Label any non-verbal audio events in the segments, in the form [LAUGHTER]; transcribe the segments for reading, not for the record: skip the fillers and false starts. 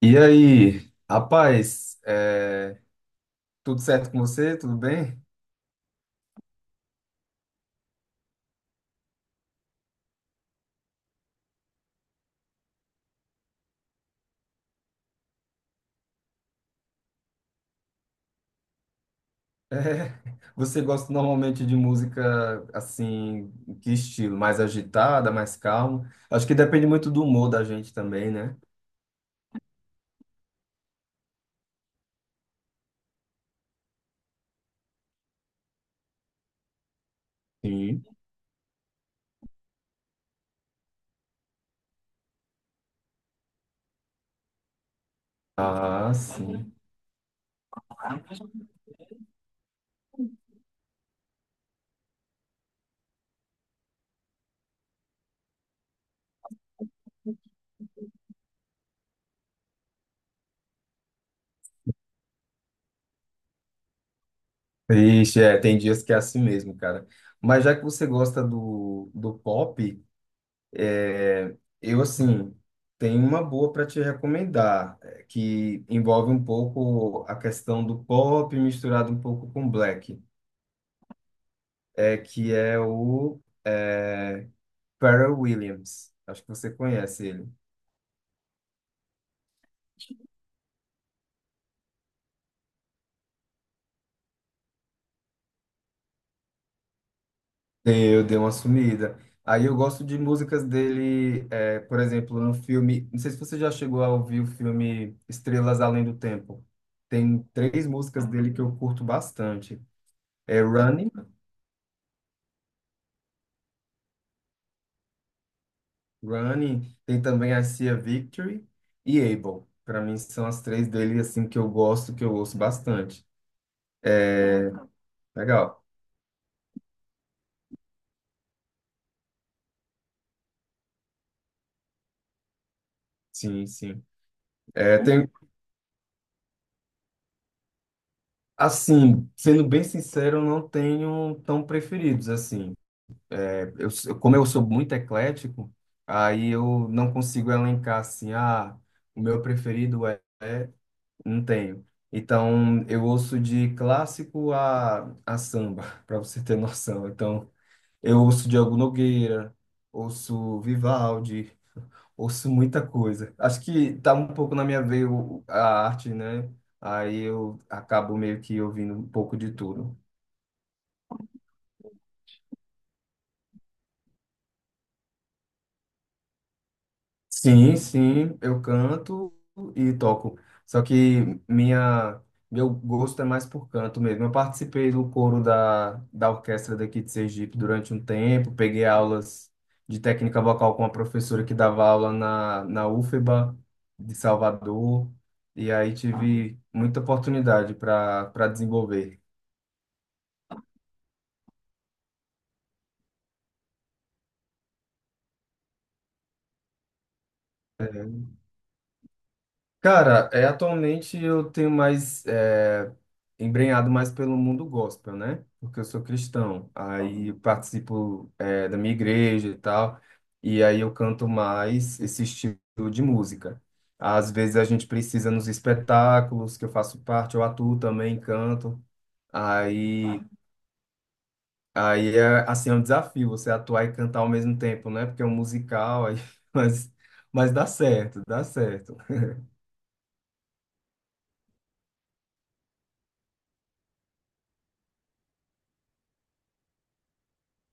E aí, rapaz, tudo certo com você? Tudo bem? É, você gosta normalmente de música assim, que estilo? Mais agitada, mais calma? Acho que depende muito do humor da gente também, né? Sim. Ah, sim. Ixi, é, tem dias que é assim mesmo, cara. Mas já que você gosta do pop, é, assim, tenho uma boa para te recomendar, que envolve um pouco a questão do pop misturado um pouco com black, é, que é o é, Pharrell Williams. Acho que você conhece ele. Eu dei uma sumida. Aí eu gosto de músicas dele, é, por exemplo, no filme. Não sei se você já chegou a ouvir o filme Estrelas Além do Tempo. Tem três músicas dele que eu curto bastante. É Running. Running, tem também I See a Victory e Able. Para mim são as três dele assim que eu gosto, que eu ouço bastante. Legal. Sim, sim. É, tem, assim, sendo bem sincero, eu não tenho tão preferidos assim. Como eu sou muito eclético, aí eu não consigo elencar assim, o meu preferido não tenho. Então, eu ouço de clássico a samba, [LAUGHS] para você ter noção. Então, eu ouço Diogo Nogueira, ouço Vivaldi, ouço muita coisa. Acho que tá um pouco na minha veia a arte, né? Aí eu acabo meio que ouvindo um pouco de tudo. Sim, sim, eu canto e toco. Só que minha, meu gosto é mais por canto mesmo. Eu participei do coro da orquestra daqui de Sergipe durante um tempo, peguei aulas de técnica vocal com uma professora que dava aula na UFBA de Salvador, e aí tive muita oportunidade para desenvolver. Cara, é, atualmente eu tenho embrenhado mais pelo mundo gospel, né? Porque eu sou cristão, aí eu participo é, da minha igreja e tal, e aí eu canto mais esse estilo de música. Às vezes a gente precisa nos espetáculos que eu faço parte, eu atuo também, canto. Aí, aí é assim, é um desafio você atuar e cantar ao mesmo tempo, né? Porque é um musical, aí, [LAUGHS] mas, mas dá certo, dá certo.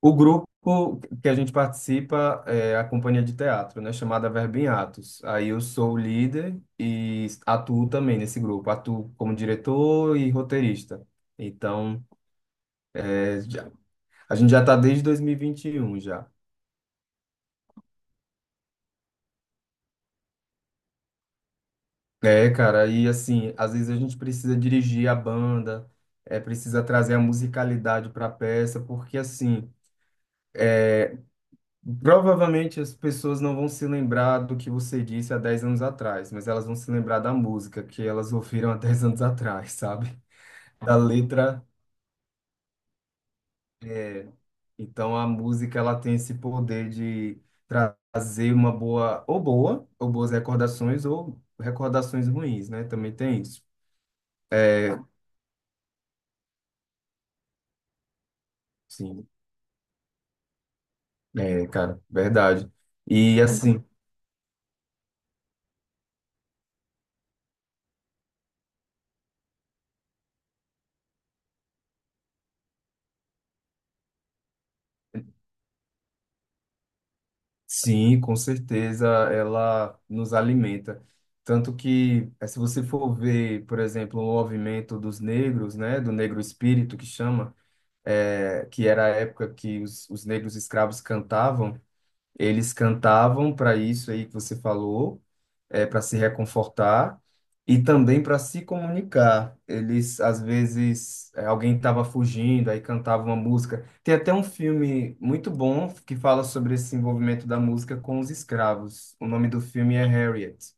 O grupo que a gente participa é a companhia de teatro, né, chamada Verbo em Atos. Aí eu sou o líder e atuo também nesse grupo, atuo como diretor e roteirista. Então, é, já- a gente já está desde 2021 já. É, cara, e assim, às vezes a gente precisa dirigir a banda, é, precisa trazer a musicalidade para a peça, porque é, provavelmente as pessoas não vão se lembrar do que você disse há 10 anos atrás, mas elas vão se lembrar da música que elas ouviram há dez anos atrás, sabe? [LAUGHS] Da letra. É, então a música ela tem esse poder de trazer uma boa, ou boa, ou boas recordações, ou recordações ruins, né? Também tem isso. É, sim, é, cara, verdade. E assim, sim, com certeza ela nos alimenta. Tanto que, eh, se você for ver, por exemplo, o movimento dos negros, né, do negro espírito que chama, eh, que era a época que os negros escravos cantavam, eles cantavam para isso aí que você falou, é, para se reconfortar e também para se comunicar. Eles, às vezes, é, alguém estava fugindo, aí cantava uma música. Tem até um filme muito bom que fala sobre esse envolvimento da música com os escravos. O nome do filme é Harriet.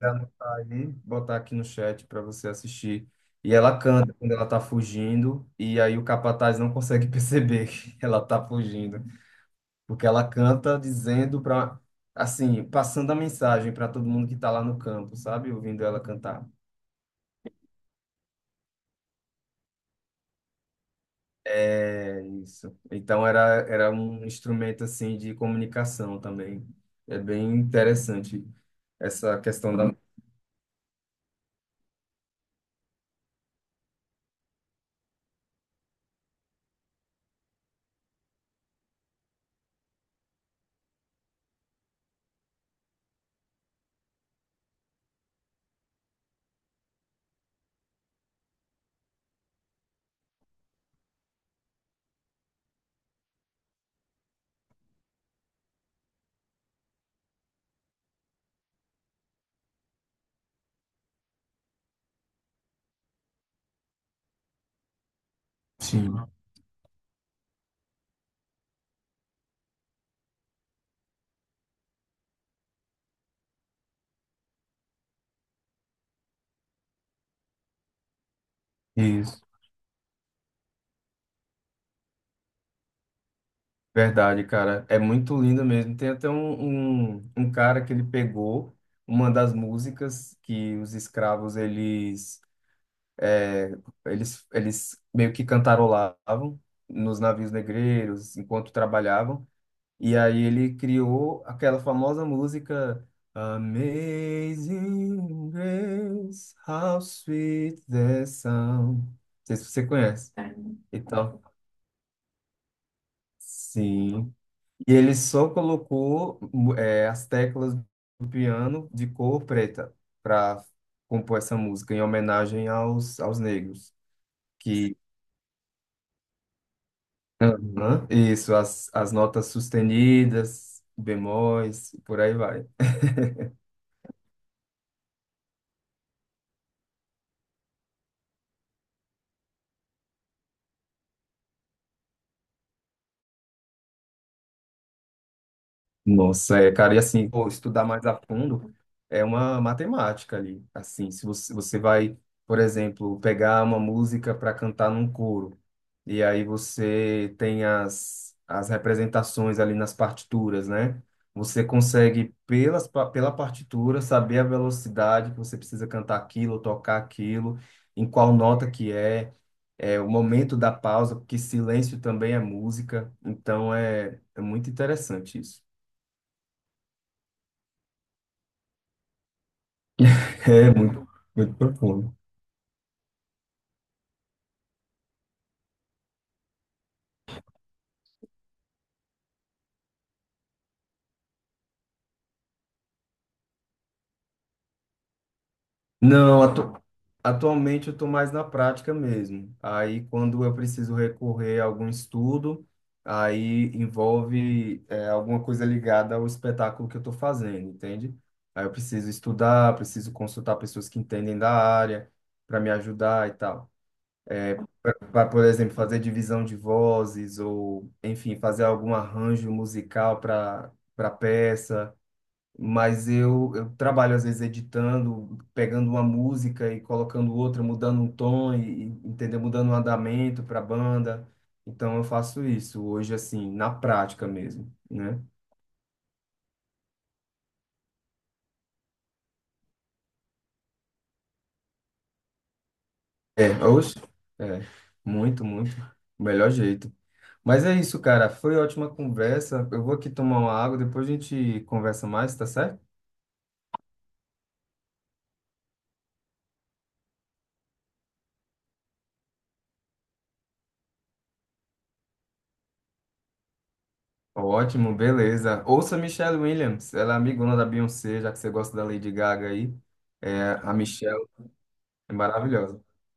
Vou anotar aí, botar aqui no chat para você assistir. E ela canta quando ela está fugindo, e aí o capataz não consegue perceber [LAUGHS] que ela está fugindo. Porque ela canta dizendo para, assim, passando a mensagem para todo mundo que está lá no campo, sabe? Ouvindo ela cantar. É isso. Então era, era um instrumento assim de comunicação também. É bem interessante essa questão da. Sim, isso. Verdade, cara. É muito lindo mesmo. Tem até um, um cara que ele pegou uma das músicas que os escravos É, eles meio que cantarolavam nos navios negreiros enquanto trabalhavam. E aí ele criou aquela famosa música Amazing Grace, How Sweet the Sound. Não sei se você conhece. Então, sim. E ele só colocou as teclas do piano de cor preta para compor essa música em homenagem aos negros, que aham. Isso, as notas sustenidas, bemóis, e por aí vai. Nossa, é, cara, e assim, pô, estudar mais a fundo é uma matemática ali. Assim, se você, você vai, por exemplo, pegar uma música para cantar num coro, e aí você tem as representações ali nas partituras, né? Você consegue, pela partitura, saber a velocidade que você precisa cantar aquilo, tocar aquilo, em qual nota que é. É, o momento da pausa, porque silêncio também é música, então é, é muito interessante isso. [LAUGHS] É muito, muito profundo. Não, atu- Atualmente eu estou mais na prática mesmo. Aí, quando eu preciso recorrer a algum estudo, aí envolve é, alguma coisa ligada ao espetáculo que eu estou fazendo, entende? Aí eu preciso estudar, preciso consultar pessoas que entendem da área para me ajudar e tal. Para, por exemplo, fazer divisão de vozes ou, enfim, fazer algum arranjo musical para peça. Mas eu trabalho, às vezes, editando, pegando uma música e colocando outra, mudando um tom, entendeu? Mudando um andamento para a banda. Então, eu faço isso hoje, assim, na prática mesmo, né? É, oxe, é, muito, muito. O melhor jeito. Mas é isso, cara. Foi ótima conversa. Eu vou aqui tomar uma água, depois a gente conversa mais, tá certo? Ótimo, beleza. Ouça Michelle Williams, ela é amigona da Beyoncé, já que você gosta da Lady Gaga aí. É, a Michelle é maravilhosa. [LAUGHS]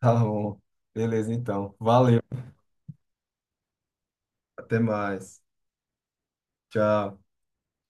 Tá bom. Beleza, então. Valeu. Até mais. Tchau.